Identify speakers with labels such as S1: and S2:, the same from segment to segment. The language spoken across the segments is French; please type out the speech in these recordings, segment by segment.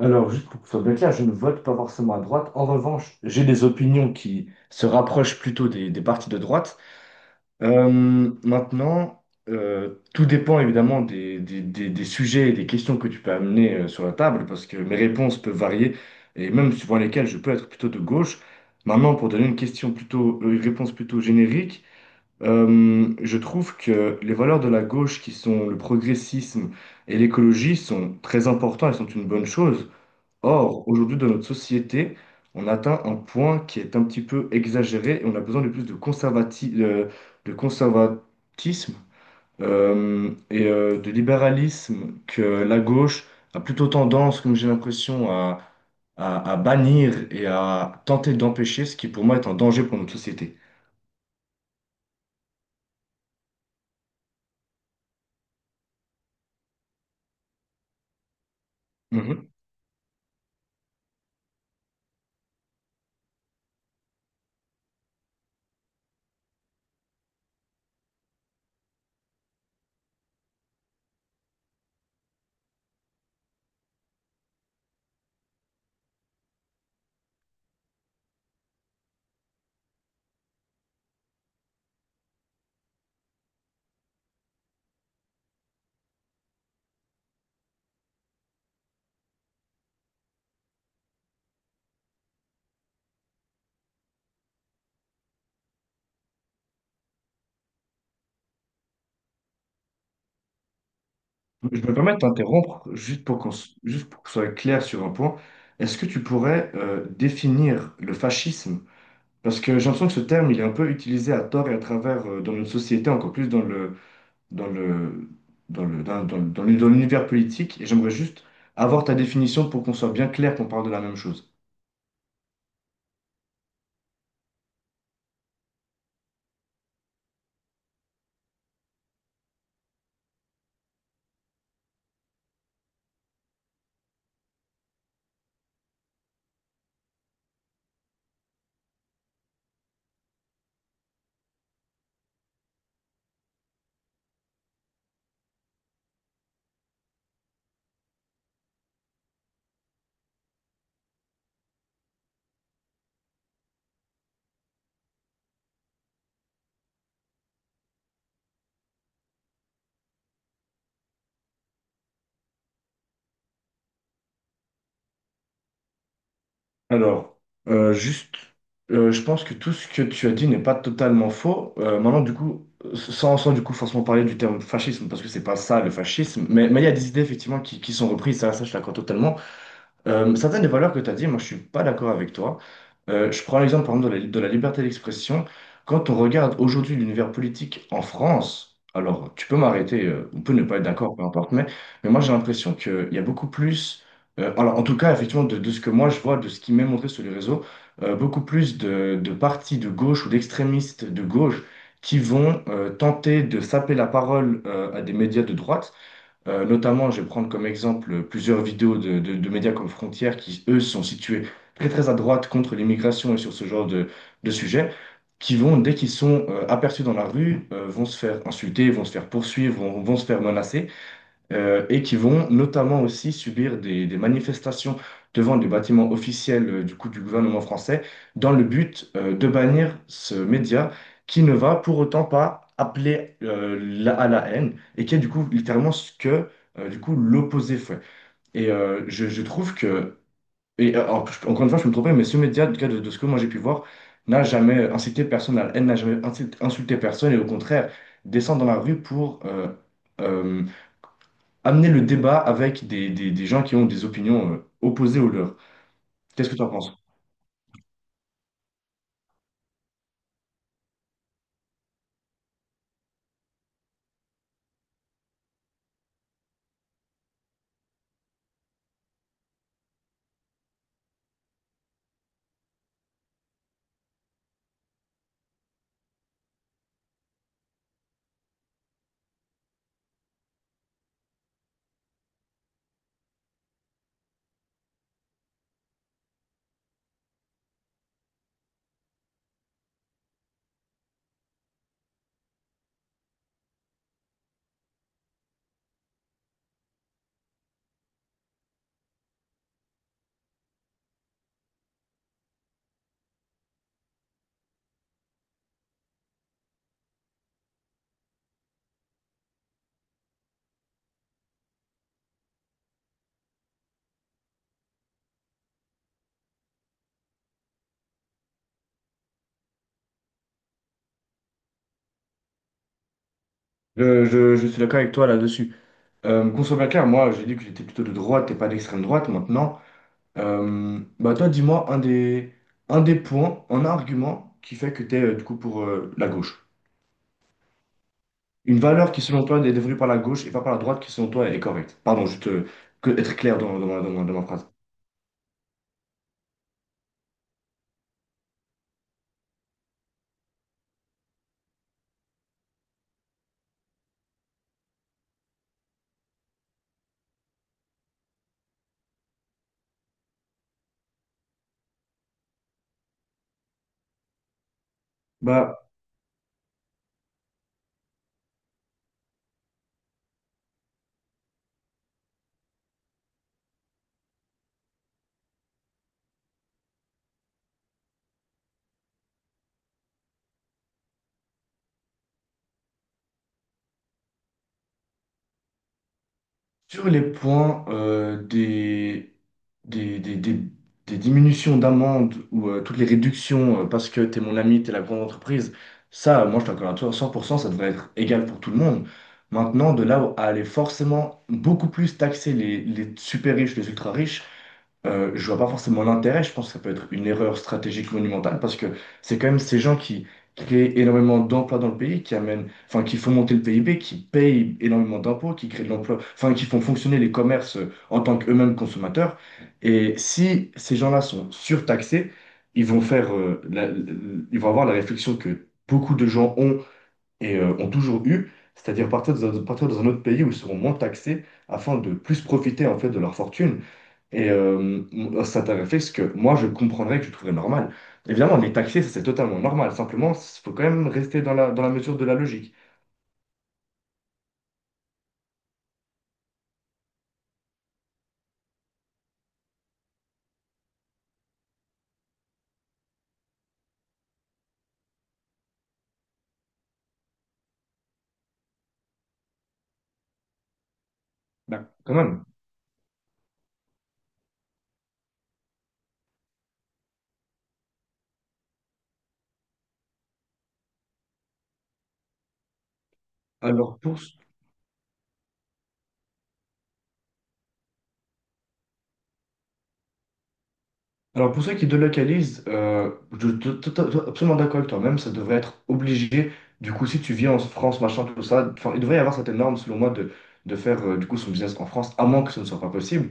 S1: Alors, juste pour que ce soit bien clair, je ne vote pas forcément à droite. En revanche, j'ai des opinions qui se rapprochent plutôt des partis de droite. Euh, maintenant, Tout dépend évidemment des sujets et des questions que tu peux amener sur la table, parce que mes réponses peuvent varier, et même suivant lesquelles je peux être plutôt de gauche. Maintenant, pour donner une une réponse plutôt générique, je trouve que les valeurs de la gauche, qui sont le progressisme et l'écologie, sont très importantes et sont une bonne chose. Or, aujourd'hui, dans notre société, on atteint un point qui est un petit peu exagéré et on a besoin de plus de de conservatisme de libéralisme que la gauche a plutôt tendance, comme j'ai l'impression, à bannir et à tenter d'empêcher, ce qui pour moi est un danger pour notre société. Mhm. Je me permets de t'interrompre juste pour que ce soit clair sur un point. Est-ce que tu pourrais définir le fascisme? Parce que j'ai l'impression que ce terme, il est un peu utilisé à tort et à travers dans notre société, encore plus dans le, dans le, dans le, dans, dans- dans le- dans l'univers politique. Et j'aimerais juste avoir ta définition pour qu'on soit bien clair qu'on parle de la même chose. Alors, euh, juste, je pense que tout ce que tu as dit n'est pas totalement faux. Maintenant, du coup, sans du coup forcément parler du terme fascisme, parce que c'est pas ça le fascisme, mais il y a des idées effectivement qui sont reprises, ça je l'accorde totalement. Certaines des valeurs que tu as dit, moi je suis pas d'accord avec toi. Je prends l'exemple par exemple de la liberté d'expression. Quand on regarde aujourd'hui l'univers politique en France, alors tu peux m'arrêter, on peut ne pas être d'accord, peu importe, mais moi j'ai l'impression qu'il y a beaucoup plus, alors en tout cas effectivement de ce que moi je vois, de ce qui m'est montré sur les réseaux, beaucoup plus de partis de gauche ou d'extrémistes de gauche qui vont tenter de saper la parole à des médias de droite. Notamment, je vais prendre comme exemple plusieurs vidéos de médias comme Frontières qui, eux, sont situés très très à droite contre l'immigration et sur ce genre de sujet, qui vont, dès qu'ils sont aperçus dans la rue, vont se faire insulter, vont se faire poursuivre, vont se faire menacer et qui vont notamment aussi subir des manifestations devant des bâtiments officiels du gouvernement français dans le but de bannir ce média qui ne va pour autant pas appeler à la haine et qui est du coup littéralement ce que l'opposé fait. Et je trouve que, encore une fois, je peux me tromper, mais ce média, en tout cas de ce que moi j'ai pu voir, n'a jamais incité personne à la haine, n'a jamais insulté personne et au contraire descend dans la rue pour euh, amener le débat avec des gens qui ont des opinions opposées aux leurs. Qu'est-ce que tu en penses? Je suis d'accord avec toi là-dessus. Qu'on soit bien clair, moi j'ai dit que j'étais plutôt de droite et pas d'extrême droite maintenant. Bah toi dis-moi un des points, un argument qui fait que tu es du coup pour la gauche. Une valeur qui selon toi est dévolue par la gauche et pas par la droite qui selon toi est correcte. Pardon, juste que, être clair dans ma phrase. Bah, sur les points des, des- des- des diminutions d'amende ou toutes les réductions parce que t'es mon ami, t'es la grande entreprise, ça, moi je t'accorde à toi, 100%, ça devrait être égal pour tout le monde. Maintenant, de là à aller forcément beaucoup plus taxer les super riches, les ultra riches, je vois pas forcément l'intérêt. Je pense que ça peut être une erreur stratégique monumentale parce que c'est quand même ces gens qui créent énormément d'emplois dans le pays, qui amènent, enfin, qui font monter le PIB, qui payent énormément d'impôts, qui créent de l'emploi, enfin, qui font fonctionner les commerces en tant qu'eux-mêmes consommateurs. Et si ces gens-là sont surtaxés, ils vont ils vont avoir la réflexion que beaucoup de gens ont et ont toujours eu, c'est-à-dire partir dans un autre pays où ils seront moins taxés afin de plus profiter en fait de leur fortune. Et ça t'avait fait ce que moi je comprendrais que je trouverais normal. Évidemment, les taxer, ça c'est totalement normal. Simplement, il faut quand même rester dans la mesure de la logique. Bah, quand même. Alors pour, alors pour ceux qui délocalisent, je suis absolument d'accord avec toi-même, ça devrait être obligé. Du coup, si tu vis en France, machin, tout ça, enfin, il devrait y avoir cette norme, selon moi, de faire son business en France, à moins que ce ne soit pas possible.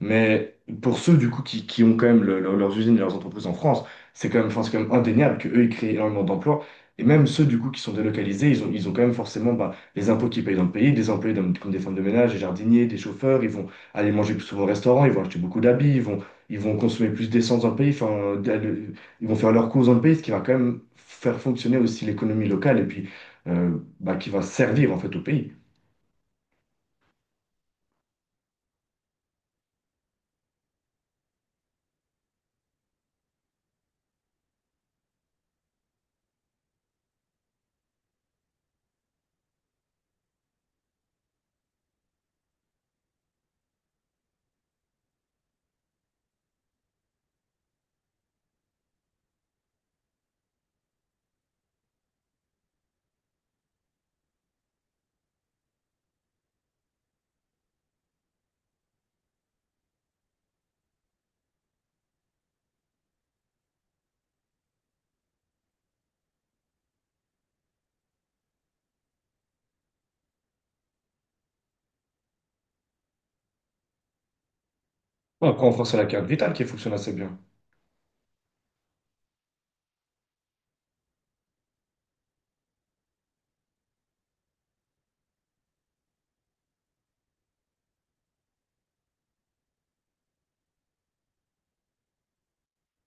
S1: Mais pour ceux du coup qui ont quand même leurs usines et leurs entreprises en France, c'est quand même, enfin, c'est quand même indéniable qu'eux, ils créent énormément d'emplois. Et même ceux du coup qui sont délocalisés, ils ont quand même forcément bah, les impôts qu'ils payent dans le pays, des employés comme des femmes de ménage, des jardiniers, des chauffeurs, ils vont aller manger plus souvent au restaurant, ils vont acheter beaucoup d'habits, ils vont consommer plus d'essence dans le pays, ils vont faire leurs courses dans le pays, ce qui va quand même faire fonctionner aussi l'économie locale et puis bah, qui va servir en fait au pays. Après, on pense à la carte vitale qui fonctionne assez bien.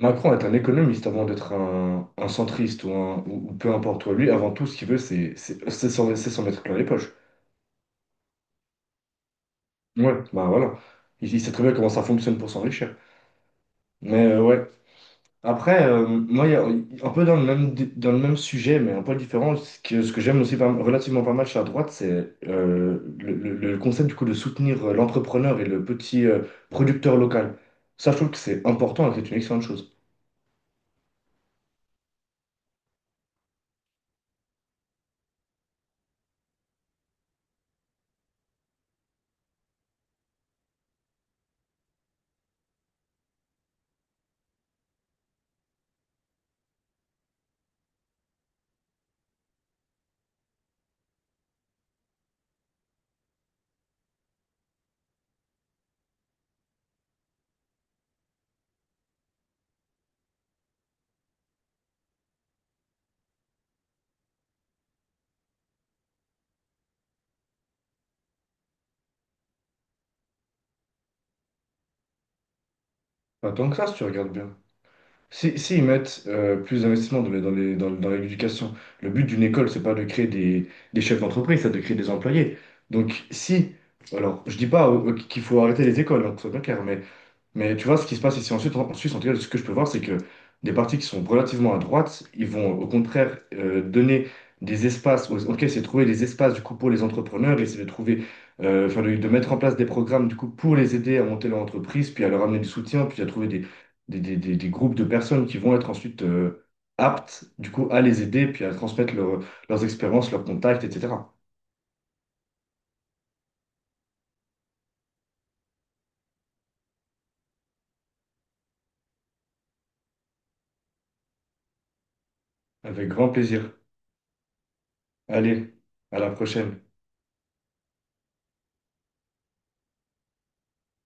S1: Macron est un économiste avant d'être un centriste ou peu importe. Toi. Lui, avant tout, ce qu'il veut, c'est c'est s'en mettre plein les poches. Ouais, bah voilà. Il sait très bien comment ça fonctionne pour s'enrichir. Mais ouais. Après, il y a un peu dans le même sujet, mais un peu différent, ce que j'aime aussi relativement pas mal chez la droite, c'est le concept du coup de soutenir l'entrepreneur et le petit producteur local. Ça, je trouve que c'est important et que c'est une excellente chose. Pas tant que ça, si tu regardes bien. Si ils mettent plus d'investissement dans l'éducation, le but d'une école, c'est pas de créer des chefs d'entreprise, c'est de créer des employés. Donc si, Alors je dis pas qu'il faut arrêter les écoles, hein, que ce soit bien clair, mais tu vois, ce qui se passe ici en Suisse, en tout cas, ce que je peux voir, c'est que des partis qui sont relativement à droite, ils vont au contraire donner ok, c'est de trouver des espaces du coup pour les entrepreneurs, et c'est enfin, de mettre en place des programmes du coup pour les aider à monter leur entreprise, puis à leur amener du soutien, puis à trouver des groupes de personnes qui vont être ensuite aptes du coup à les aider, puis à transmettre leurs expériences, leurs contacts, etc. Avec grand plaisir. Allez, à la prochaine.